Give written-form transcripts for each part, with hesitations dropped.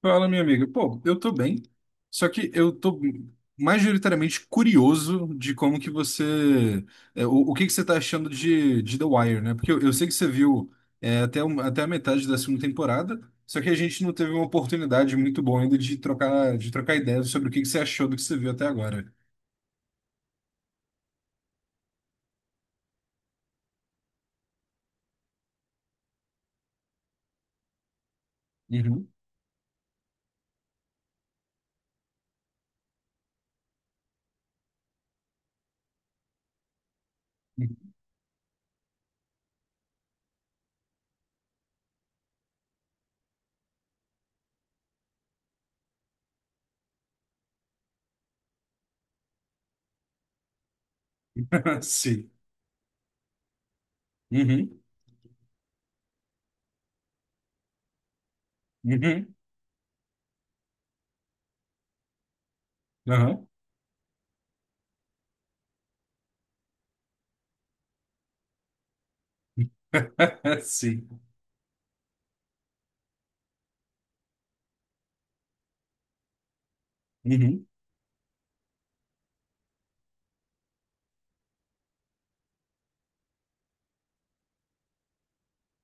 Fala, minha amiga. Pô, eu tô bem, só que eu tô majoritariamente curioso de como que você... o que que você tá achando de The Wire, né? Porque eu sei que você viu até, até a metade da segunda temporada, só que a gente não teve uma oportunidade muito boa ainda de trocar ideias sobre o que que você achou do que você viu até agora. Uhum. Sim. Uhum. Uhum. Aham. Sim. Uhum.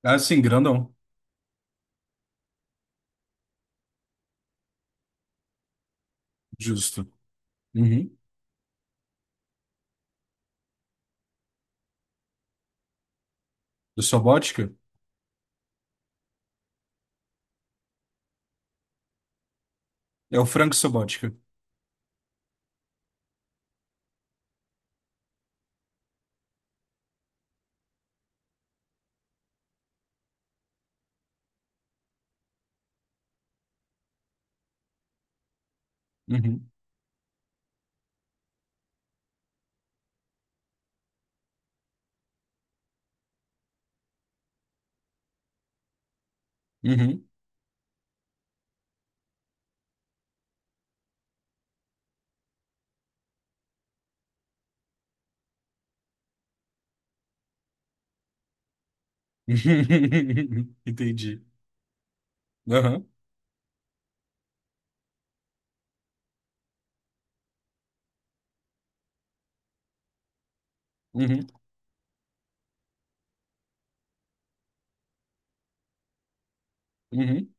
Ah, sim, grandão. Justo. Uhum. Do Sobótica? É o Frank Sobotka. Uhum. Uhum. Entendi. Aham. Uhum. Uhum.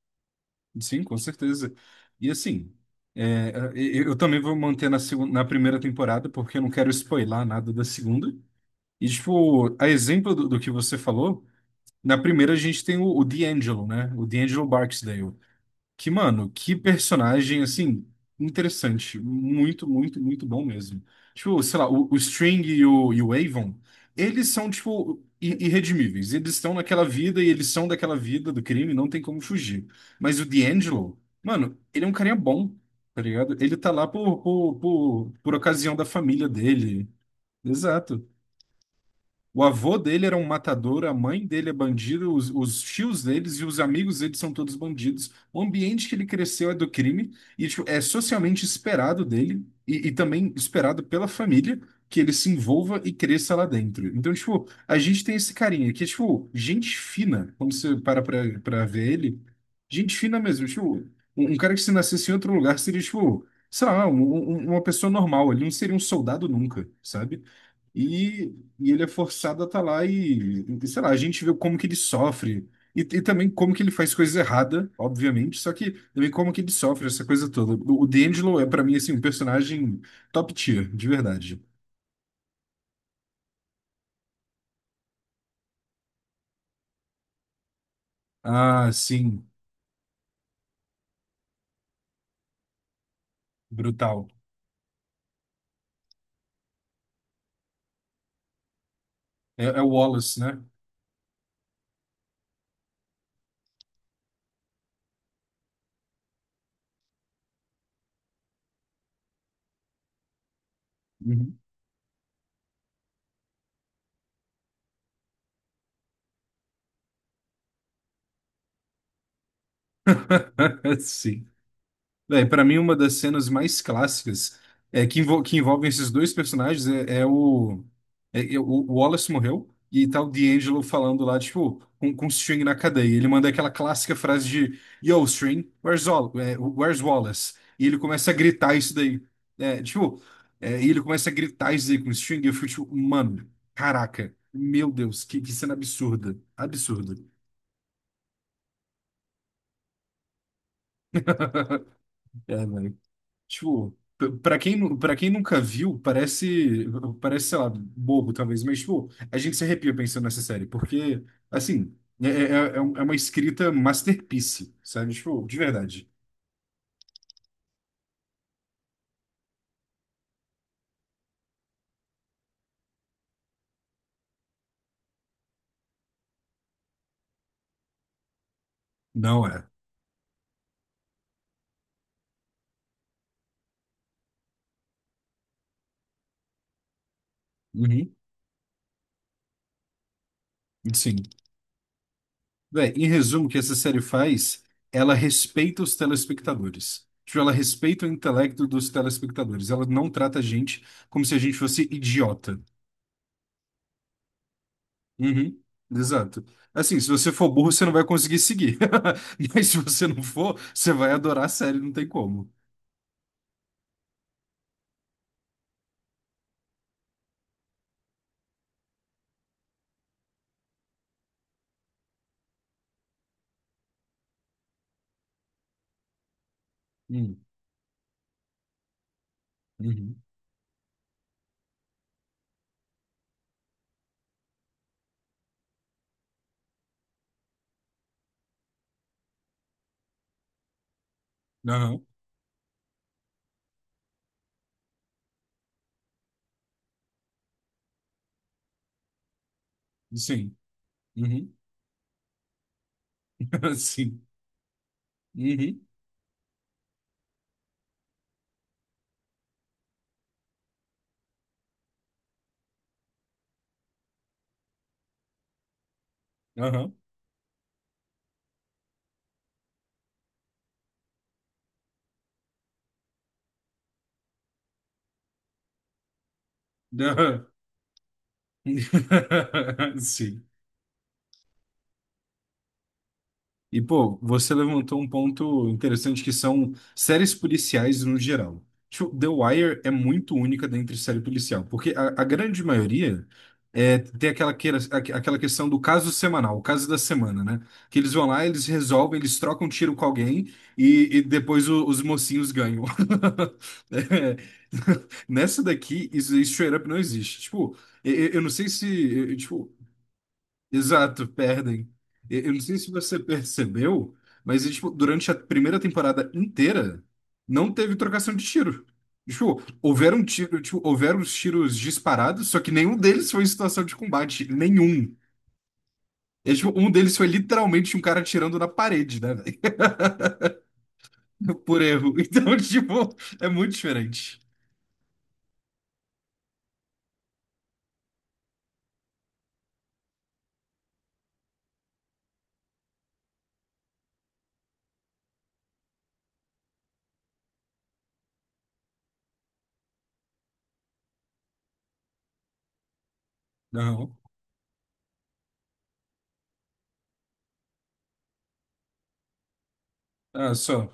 Sim, com certeza. E assim, eu também vou manter na primeira temporada, porque eu não quero spoilar nada da segunda. E, tipo, a exemplo do que você falou, na primeira a gente tem o D'Angelo, né? O D'Angelo Barksdale. Que, mano, que personagem, assim, interessante. Muito, muito, muito bom mesmo. Tipo, sei lá, o String e o Avon, eles são, tipo, irredimíveis. Eles estão naquela vida e eles são daquela vida do crime, não tem como fugir. Mas o D'Angelo, mano, ele é um carinha bom, tá ligado? Ele tá lá por ocasião da família dele. Exato. O avô dele era um matador, a mãe dele é bandido, os tios deles e os amigos deles são todos bandidos. O ambiente que ele cresceu é do crime e tipo, é socialmente esperado dele e também esperado pela família que ele se envolva e cresça lá dentro. Então, tipo, a gente tem esse carinha que é, tipo, gente fina, quando você para pra ver ele, gente fina mesmo. Tipo, um cara que se nascesse em outro lugar seria, tipo, sei lá, uma pessoa normal, ele não seria um soldado nunca, sabe? E ele é forçado a estar lá e, sei lá, a gente vê como que ele sofre. E também como que ele faz coisas erradas, obviamente, só que também como que ele sofre essa coisa toda. O D'Angelo é, pra mim, assim, um personagem top tier, de verdade. Ah, sim, brutal. É, é o Wallace, né? Uhum. Sim. Véi, pra mim, uma das cenas mais clássicas é que envolvem esses dois personagens é, é o. O Wallace morreu e tá o D'Angelo falando lá, tipo, com o String na cadeia. Ele manda aquela clássica frase de: "Yo, String, where's Wallace?" E ele começa a gritar isso daí. É, tipo, é, e ele começa a gritar isso daí com o String e eu fico tipo, mano, caraca, meu Deus, que cena absurda. Absurda. É, velho. Tipo, pra quem, pra quem nunca viu, parece, parece, sei lá, bobo talvez, mas, tipo, a gente se arrepia pensando nessa série, porque, assim, é é uma escrita masterpiece, sabe? Tipo, de verdade. Não é. Uhum. Sim. Véi, em resumo, o que essa série faz, ela respeita os telespectadores. Tipo, ela respeita o intelecto dos telespectadores. Ela não trata a gente como se a gente fosse idiota. Uhum, exato. Assim, se você for burro, você não vai conseguir seguir. Mas se você não for, você vai adorar a série, não tem como. Hum, uhum, aham, sim. Uhum, sim. Uhum, aham, aham. Sim. E, pô, você levantou um ponto interessante que são séries policiais no geral. Tipo, The Wire é muito única dentre série policial, porque a grande maioria é, tem aquela, aquela questão do caso semanal, o caso da semana, né? Que eles vão lá, eles resolvem, eles trocam tiro com alguém e depois os mocinhos ganham. É. Nessa daqui, isso straight up não existe. Tipo, eu não sei se. eu- tipo, Exato, perdem. Eu não sei se você percebeu, mas tipo, durante a primeira temporada inteira não teve trocação de tiro. Tipo, houveram tiro, tipo, houveram os tiros disparados, só que nenhum deles foi em situação de combate, nenhum. E, tipo, um deles foi literalmente um cara atirando na parede, né, velho? Por erro. Então, tipo, é muito diferente. Não. Ah, só.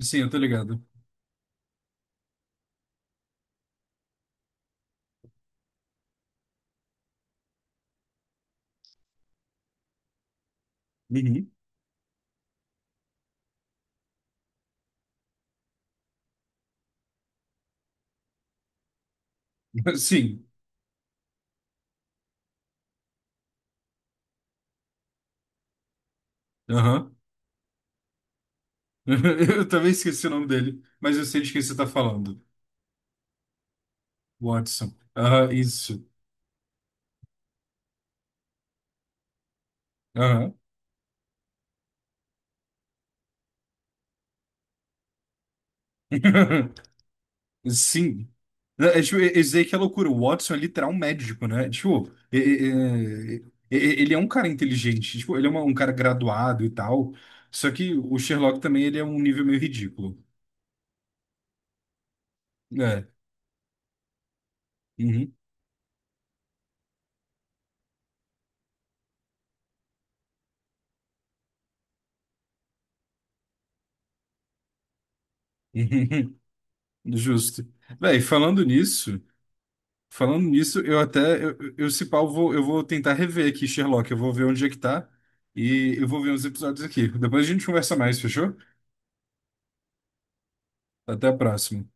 Sim, eu tô ligado. Uhum. Sim. Aham. Eu também esqueci o nome dele, mas eu sei de quem você tá falando. Watson. Ah, isso. Aham. Sim. É, tipo, tipo, é isso aí que é loucura. O Watson é literal um médico, né? Tipo, ele é um cara inteligente. Tipo, ele é um cara graduado e tal. Só que o Sherlock também ele é um nível meio ridículo. É. Uhum. Justo. Véi, falando nisso, eu até, se pau, eu vou tentar rever aqui Sherlock. Eu vou ver onde é que tá e eu vou ver uns episódios aqui. Depois a gente conversa mais, fechou? Até a próxima.